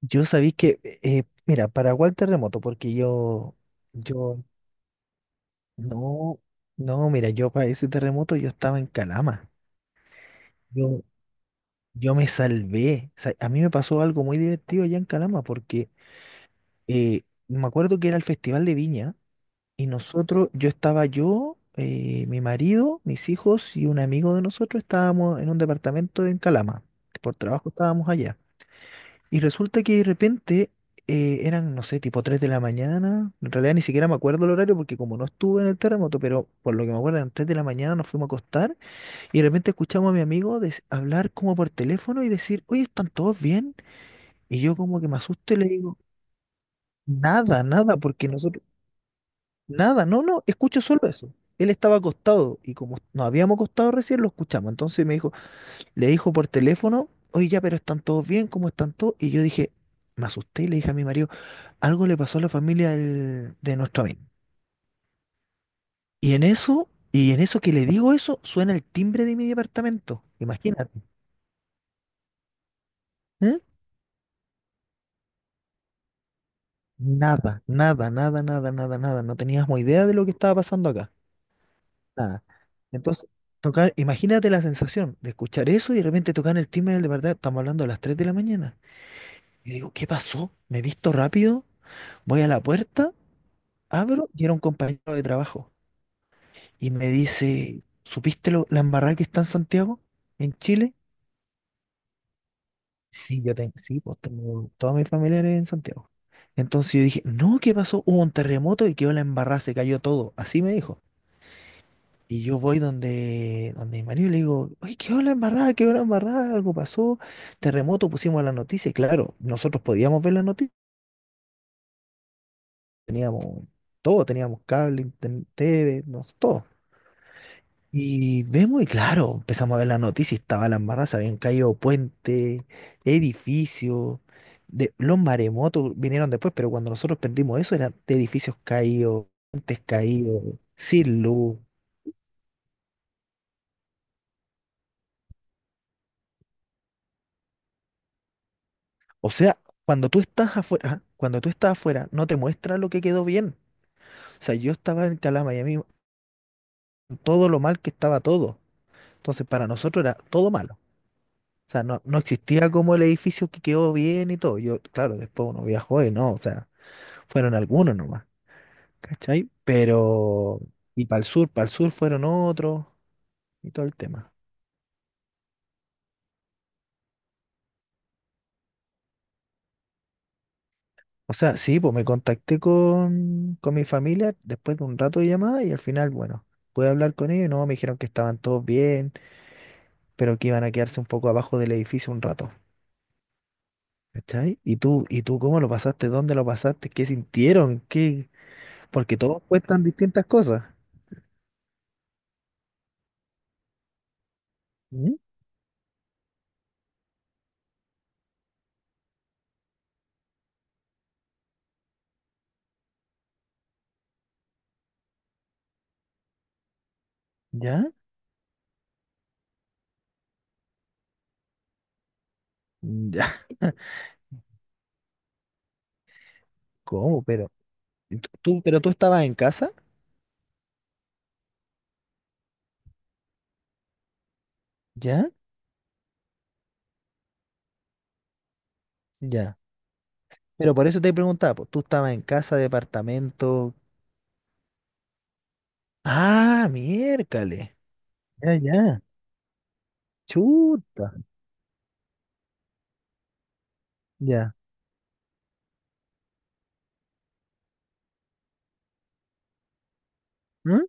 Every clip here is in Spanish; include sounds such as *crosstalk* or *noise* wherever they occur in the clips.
Yo sabéis que, mira, ¿para cuál terremoto? Porque yo, no, no, mira, yo para ese terremoto yo estaba en Calama. Yo, yo me salvé. O sea, a mí me pasó algo muy divertido allá en Calama porque eh, me acuerdo que era el Festival de Viña y nosotros, mi marido, mis hijos y un amigo de nosotros estábamos en un departamento en Calama. Por trabajo estábamos allá. Y resulta que de repente eran, no sé, tipo 3 de la mañana. En realidad ni siquiera me acuerdo el horario porque como no estuve en el terremoto, pero por lo que me acuerdo eran 3 de la mañana, nos fuimos a acostar y de repente escuchamos a mi amigo hablar como por teléfono y decir, oye, ¿están todos bien? Y yo como que me asusto y le digo, nada, nada, porque nosotros, nada, no, no, escucho solo eso. Él estaba acostado y como nos habíamos acostado recién, lo escuchamos. Entonces me dijo, le dijo por teléfono, oye, ya, pero están todos bien, ¿cómo están todos? Y yo dije, me asusté y le dije a mi marido, algo le pasó a la familia de nuestro amigo. Y en eso que le digo eso, suena el timbre de mi departamento. Imagínate. ¿Mm? Nada, nada, nada, nada, nada, nada. No teníamos idea de lo que estaba pasando acá. Nada. Entonces, tocar, imagínate la sensación de escuchar eso y de repente tocar el timbre del departamento. Estamos hablando a las 3 de la mañana. Y digo, ¿qué pasó? ¿Me he visto rápido? Voy a la puerta. Abro y era un compañero de trabajo. Y me dice, ¿supiste lo, la embarrada que está en Santiago, en Chile? Sí, yo tengo, sí, pues tengo todos mis familiares en Santiago. Entonces yo dije, no, ¿qué pasó? Hubo un terremoto y quedó la embarrada, se cayó todo. Así me dijo. Y yo voy donde, donde mi marido y le digo, oye, quedó la embarrada, algo pasó, terremoto, pusimos la noticia. Y claro, nosotros podíamos ver la noticia, teníamos todo, teníamos cable, internet, TV, no, sé, todo. Y vemos, y claro, empezamos a ver las noticias, estaba la embarrada, se habían caído puentes, edificios, de, los maremotos vinieron después, pero cuando nosotros prendimos eso eran de edificios caídos, puentes caídos, sin luz. O sea, cuando tú estás afuera, cuando tú estás afuera, no te muestra lo que quedó bien. O sea, yo estaba en Calama y a mí todo lo mal que estaba todo. Entonces, para nosotros era todo malo. O sea, no, no existía como el edificio que quedó bien y todo. Yo, claro, después uno viajó y no, o sea, fueron algunos nomás, ¿cachai? Pero, y para el sur fueron otros y todo el tema. O sea, sí, pues me contacté con mi familia después de un rato de llamada y al final, bueno, pude hablar con ellos y no, me dijeron que estaban todos bien, pero que iban a quedarse un poco abajo del edificio un rato. ¿Cachai? Y tú cómo lo pasaste? ¿Dónde lo pasaste? ¿Qué sintieron? ¿Qué? Porque todos cuestan distintas cosas. ¿Mm? ¿Ya? ¿Ya? *laughs* ¿Cómo? Pero tú estabas en casa? ¿Ya? ¿Ya? Pero por eso te preguntaba, pues, tú estabas en casa, departamento. Ah, miércoles. Ya, ya. Chuta. Ya. ¿Mm?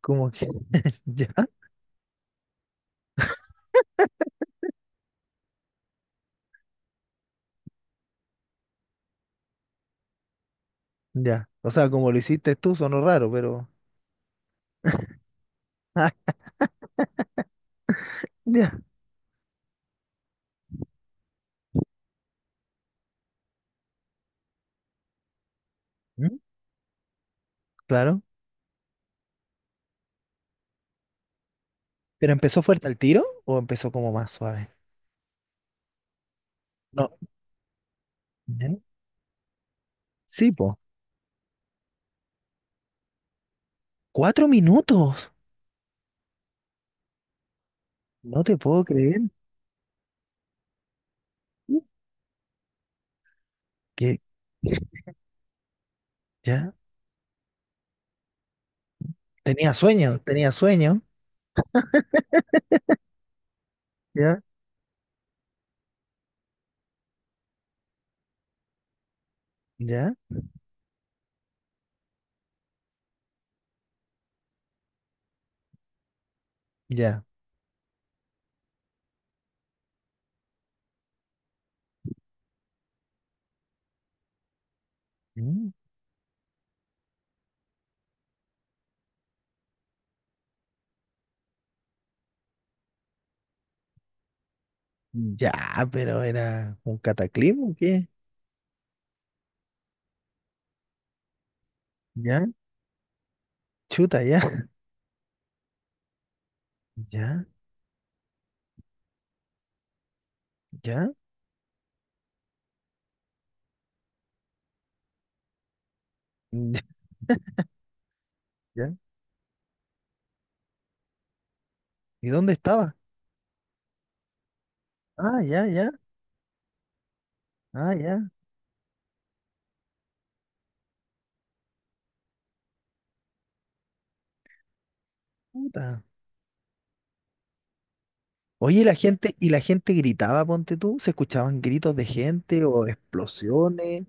Como que, *laughs* ya, ya. O sea, como lo hiciste tú, sonó raro, pero. *laughs* Ah, ya. ¿Mm? Claro. ¿Pero empezó fuerte el tiro o empezó como más suave? No. ¿Ya? Sí, po. Cuatro minutos. No te puedo creer. Uh, que ya. Tenía sueño, tenía sueño. Ya. Ya, ya. Mm. Ya, pero era un cataclismo, ¿qué? Ya, chuta, ya, ya, ya, mm, ya. ¿Y dónde estaba? Ah, ya, ya, ah, ya, puta. Oye, y la gente gritaba, ponte tú, se escuchaban gritos de gente o explosiones,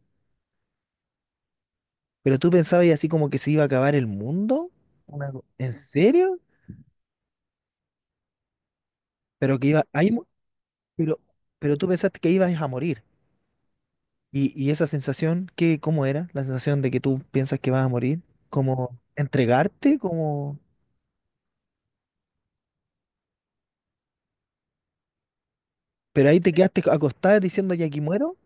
pero tú pensabas y así como que se iba a acabar el mundo, ¿en serio? Pero que iba, ahí, mu- pero, pero tú pensaste que ibas a morir. Y esa sensación, ¿qué, cómo era? La sensación de que tú piensas que vas a morir, como entregarte, como... Pero ahí te quedaste acostada diciendo ya aquí muero,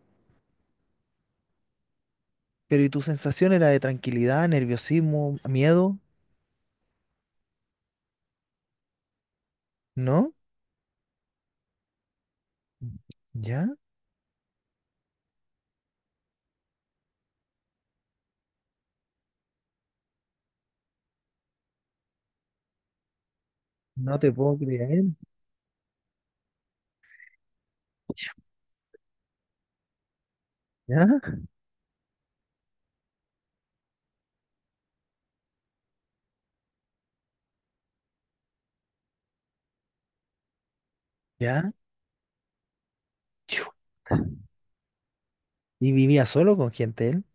pero y tu sensación era de tranquilidad, nerviosismo, miedo, ¿no? ¿Ya? No te puedo creer. Chu. ¿Ya? ¿Ya? Chu. ¿Y vivía solo con gente él?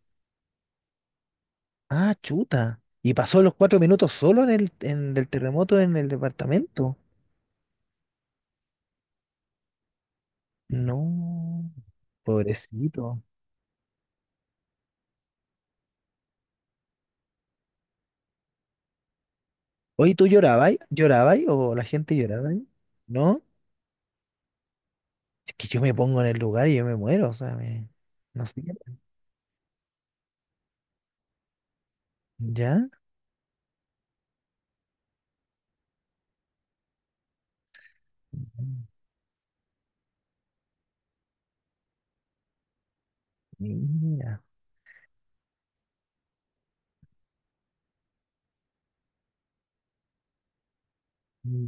Ah, chuta. ¿Y pasó los cuatro minutos solo en el en, del terremoto en el departamento? No, pobrecito. Oye, ¿tú llorabas? ¿Llorabas? ¿O la gente lloraba? ¿No? Es que yo me pongo en el lugar y yo me muero, o sea, me... No sé. ¿Ya? Mira.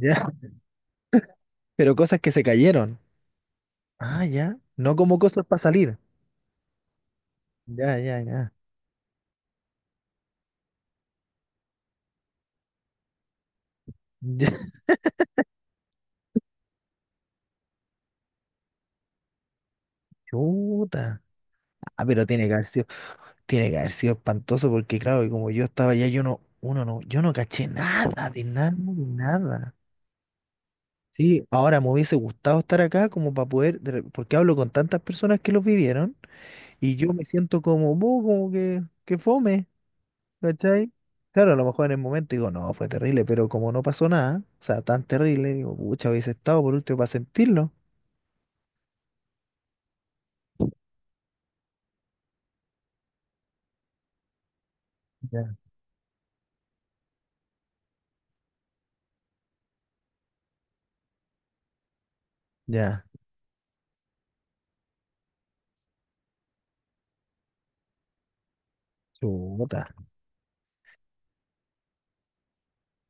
Ya. *laughs* Pero cosas que se cayeron. Ah, ya. No como cosas para salir. Ya, ya, ya. Ya. Chuta. Ah, pero tiene que haber sido, tiene que haber sido espantoso porque, claro, y como yo estaba allá, yo no, uno no, yo no caché nada, de nada, de nada. Sí, ahora me hubiese gustado estar acá como para poder, porque hablo con tantas personas que los vivieron. Y yo me siento como, "Bu, como que fome, ¿cachai? Claro, a lo mejor en el momento digo, no, fue terrible, pero como no pasó nada, o sea, tan terrible, digo, pucha, hubiese estado por último para sentirlo. Ya. Ya, chuta.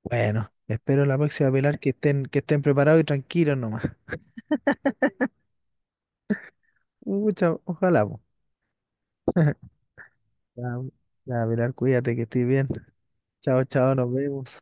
Bueno, espero la próxima Pilar que estén preparados y tranquilos nomás. Pucha, ojalá, po. Ya, ya, Pilar, cuídate que estés bien. Chao, chao, nos vemos.